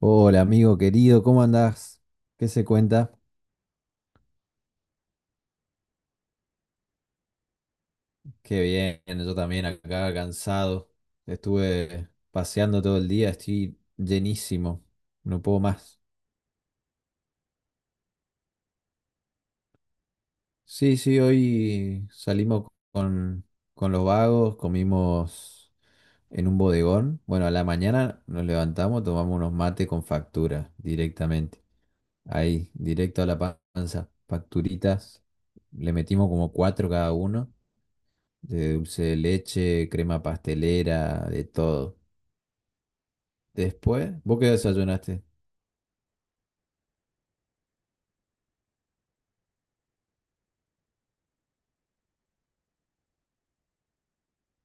Hola amigo querido, ¿cómo andás? ¿Qué se cuenta? Qué bien, yo también acá cansado. Estuve paseando todo el día, estoy llenísimo, no puedo más. Sí, sí, hoy salimos con los vagos, comimos en un bodegón. Bueno, a la mañana nos levantamos, tomamos unos mates con factura directamente. Ahí, directo a la panza, facturitas. Le metimos como cuatro cada uno, de dulce de leche, crema pastelera, de todo. Después, vos qué desayunaste,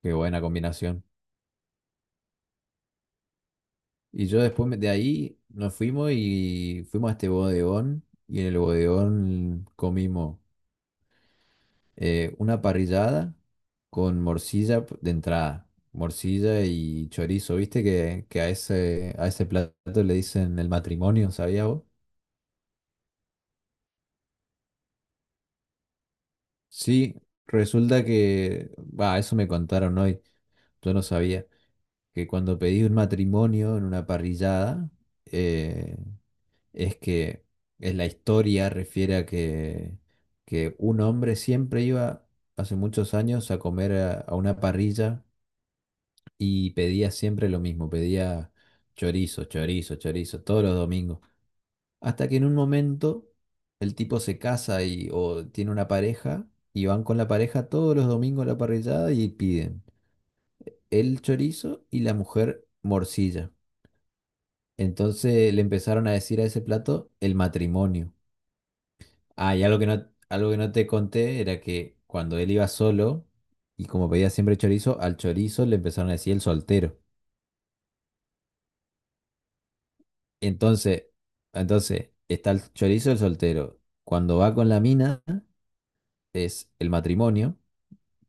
qué buena combinación. Y yo de ahí nos fuimos y fuimos a este bodegón y en el bodegón comimos una parrillada con de entrada, morcilla y chorizo. ¿Viste que a a ese plato le dicen el matrimonio, ¿sabías vos? Sí, resulta que, va, eso me contaron hoy, yo no sabía. Que cuando pedís un matrimonio en una parrillada, eh, es que en la historia refiere a que un hombre siempre iba hace muchos años a comer a una parrilla y pedía siempre lo mismo, pedía chorizo, chorizo, chorizo, todos los domingos. Hasta que en un momento el tipo se casa y, o tiene una pareja y van con la pareja todos los domingos a la parrillada y piden el chorizo y la mujer morcilla. Entonces le empezaron a decir a ese plato el matrimonio. Ah, algo que no te conté era que cuando él iba solo y como pedía siempre chorizo, al chorizo le empezaron a decir el soltero. Entonces, entonces está el chorizo y el soltero. Cuando va con la mina es el matrimonio,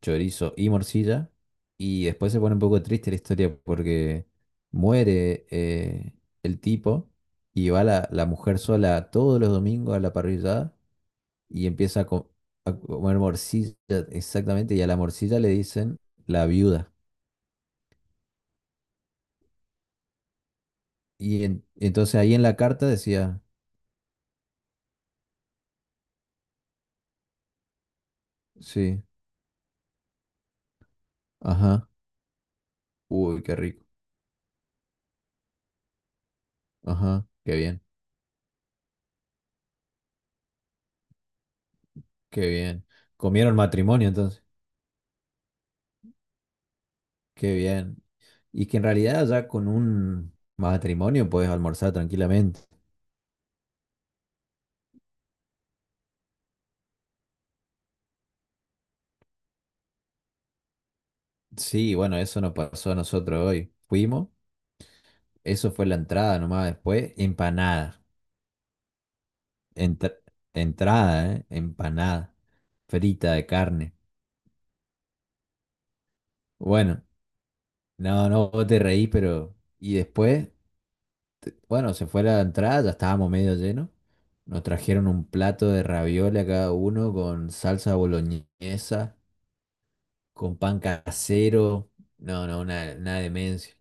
chorizo y morcilla. Y después se pone un poco triste la historia porque muere el tipo y va la mujer sola todos los domingos a la parrillada y a comer morcilla, exactamente, y a la morcilla le dicen la viuda. Y entonces ahí en la carta decía, sí, ajá, uy, qué rico, ajá, qué bien, qué bien. Comieron matrimonio entonces, qué bien. Y que en realidad ya con un matrimonio puedes almorzar tranquilamente. Sí, bueno, eso nos pasó a nosotros hoy. Fuimos, eso fue la entrada nomás, después empanada. Entra- Entrada, ¿eh? Empanada, frita de carne. Bueno, no, no, vos te reí, pero... Y después, bueno, se fue la entrada, ya estábamos medio llenos. Nos trajeron un plato de ravioli a cada uno con salsa boloñesa, con pan casero. No, no, una demencia.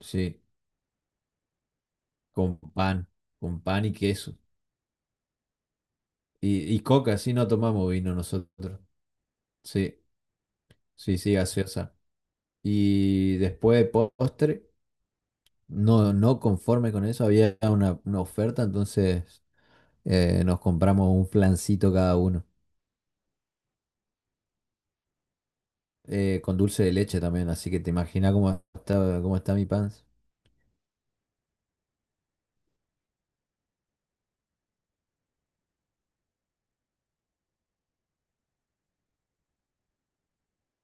Sí, con pan, con pan y queso. Y coca, sí, no tomamos vino nosotros. Sí, sí, sí, gaseosa. Y después de postre, no, no conforme con eso, había una oferta, entonces... nos compramos un flancito cada uno. Con dulce de leche también, así que te imaginas cómo está mi pan.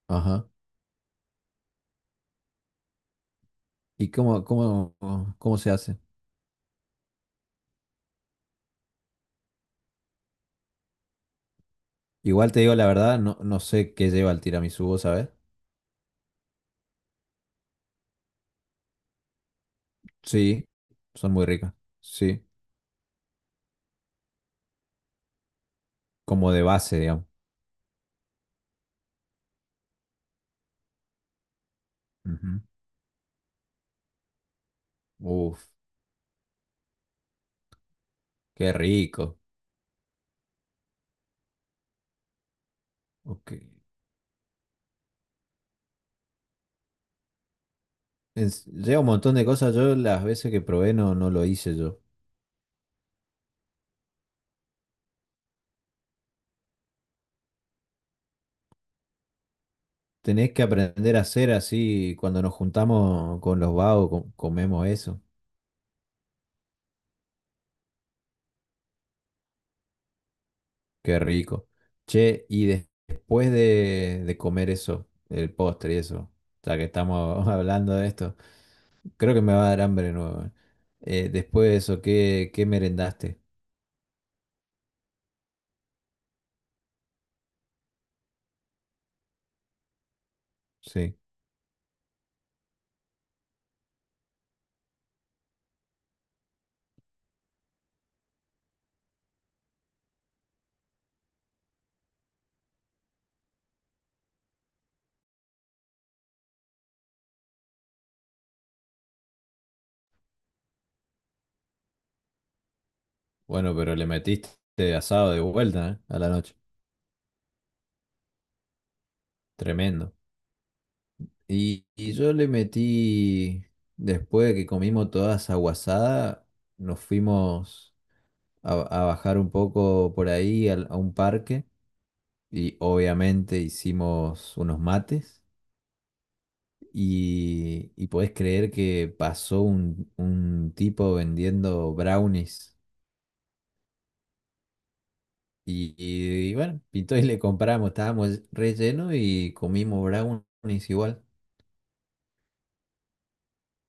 Ajá. ¿Y cómo, cómo, cómo se hace? Igual te digo la verdad, no, no sé qué lleva el tiramisú, ¿vos ¿sabes? Sí, son muy ricas. Sí, como de base, digamos. Ujú. Uf, qué rico. Ok. Es- lleva un montón de cosas, yo las veces que probé no, no lo hice yo. Tenés que aprender a hacer así, cuando nos juntamos con los vagos, comemos eso. Qué rico. Che, después de comer eso, el postre y eso, ya que estamos hablando de esto, creo que me va a dar hambre de nuevo. Después de eso, ¿qué, qué merendaste? Sí. Bueno, pero le metiste asado de vuelta, ¿eh? A la noche. Tremendo. Y yo le metí, después de que comimos toda esa guasada, nos fuimos a bajar un poco por ahí a un parque y obviamente hicimos unos mates. Y podés creer que pasó un tipo vendiendo brownies. Y bueno, pintó y le compramos. Estábamos rellenos y comimos brownies igual.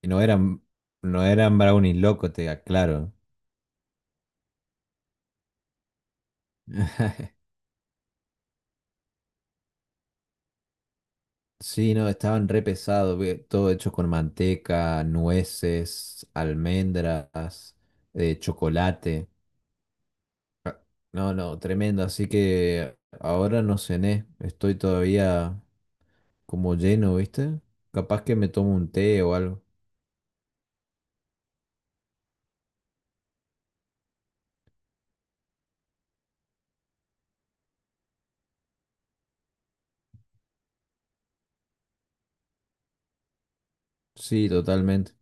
Y no eran, no eran brownies locos, te aclaro. Sí, no, estaban re pesados, ve. Todo hecho con manteca, nueces, almendras, chocolate. Ah, no, no, tremendo. Así que ahora no cené. Estoy todavía como lleno, ¿viste? Capaz que me tomo un té o algo. Sí, totalmente.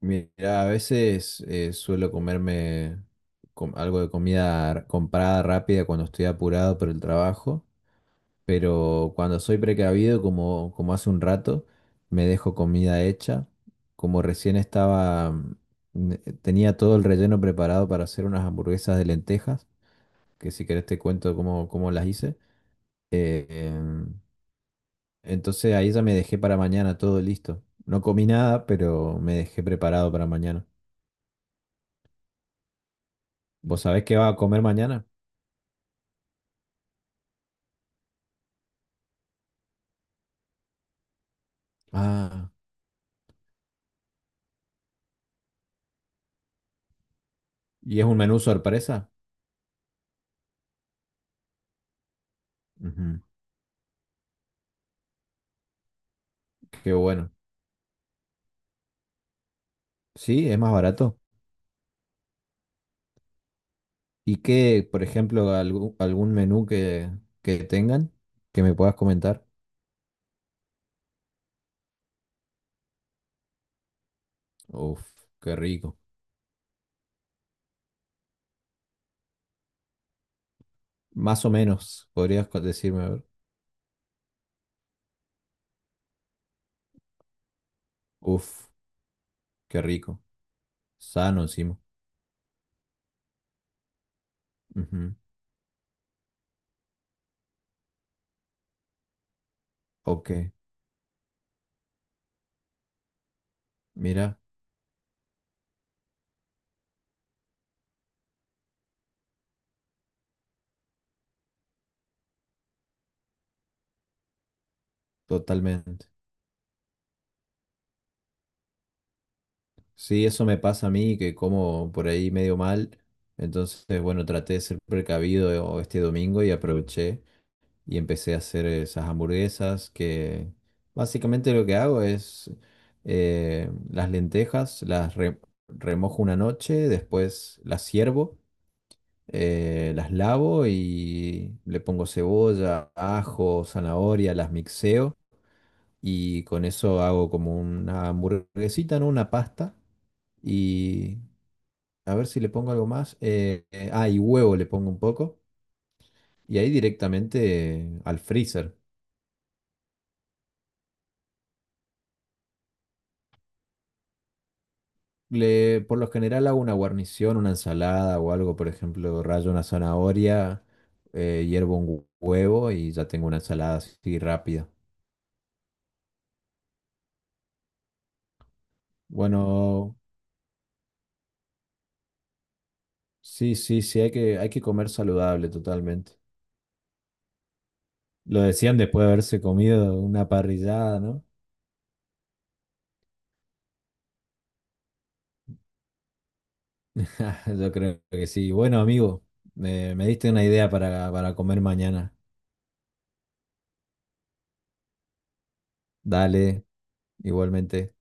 Mira, a veces suelo comerme algo de comida comprada rápida cuando estoy apurado por el trabajo, pero cuando soy precavido, como, como hace un rato, me dejo comida hecha. Como recién estaba, tenía todo el relleno preparado para hacer unas hamburguesas de lentejas, que si querés te cuento cómo, cómo las hice. Eh, em, Entonces ahí ya me dejé para mañana todo listo. No comí nada, pero me dejé preparado para mañana. ¿Vos sabés qué va a comer mañana? Ah, ¿y es un menú sorpresa? Ujú, qué bueno. Sí, es más barato. ¿Y qué, por ejemplo, algún menú que tengan que me puedas comentar? Uf, qué rico. Más o menos, podrías decirme, a ver. Uf, qué rico. Sano encima. Ujú, ok, mira, totalmente. Sí, eso me pasa a mí, que como por ahí medio mal. Entonces, bueno, traté de ser precavido este domingo y aproveché y empecé a hacer esas hamburguesas que básicamente lo que hago es las lentejas, remojo una noche, después las ciervo, las lavo y le pongo cebolla, ajo, zanahoria, las mixeo y con eso hago como una hamburguesita, ¿no? Una pasta. Y a ver si le pongo algo más. Y huevo le pongo un poco. Y ahí directamente al freezer. Le, por lo general hago una guarnición, una ensalada o algo, por ejemplo, rayo una zanahoria, hiervo un huevo y ya tengo una ensalada así rápida. Bueno, sí, sí, sí, hay hay que comer saludable totalmente. Lo decían después de haberse comido una parrillada, ¿no? Yo creo que sí. Bueno, amigo, me diste una idea para comer mañana. Dale. Igualmente.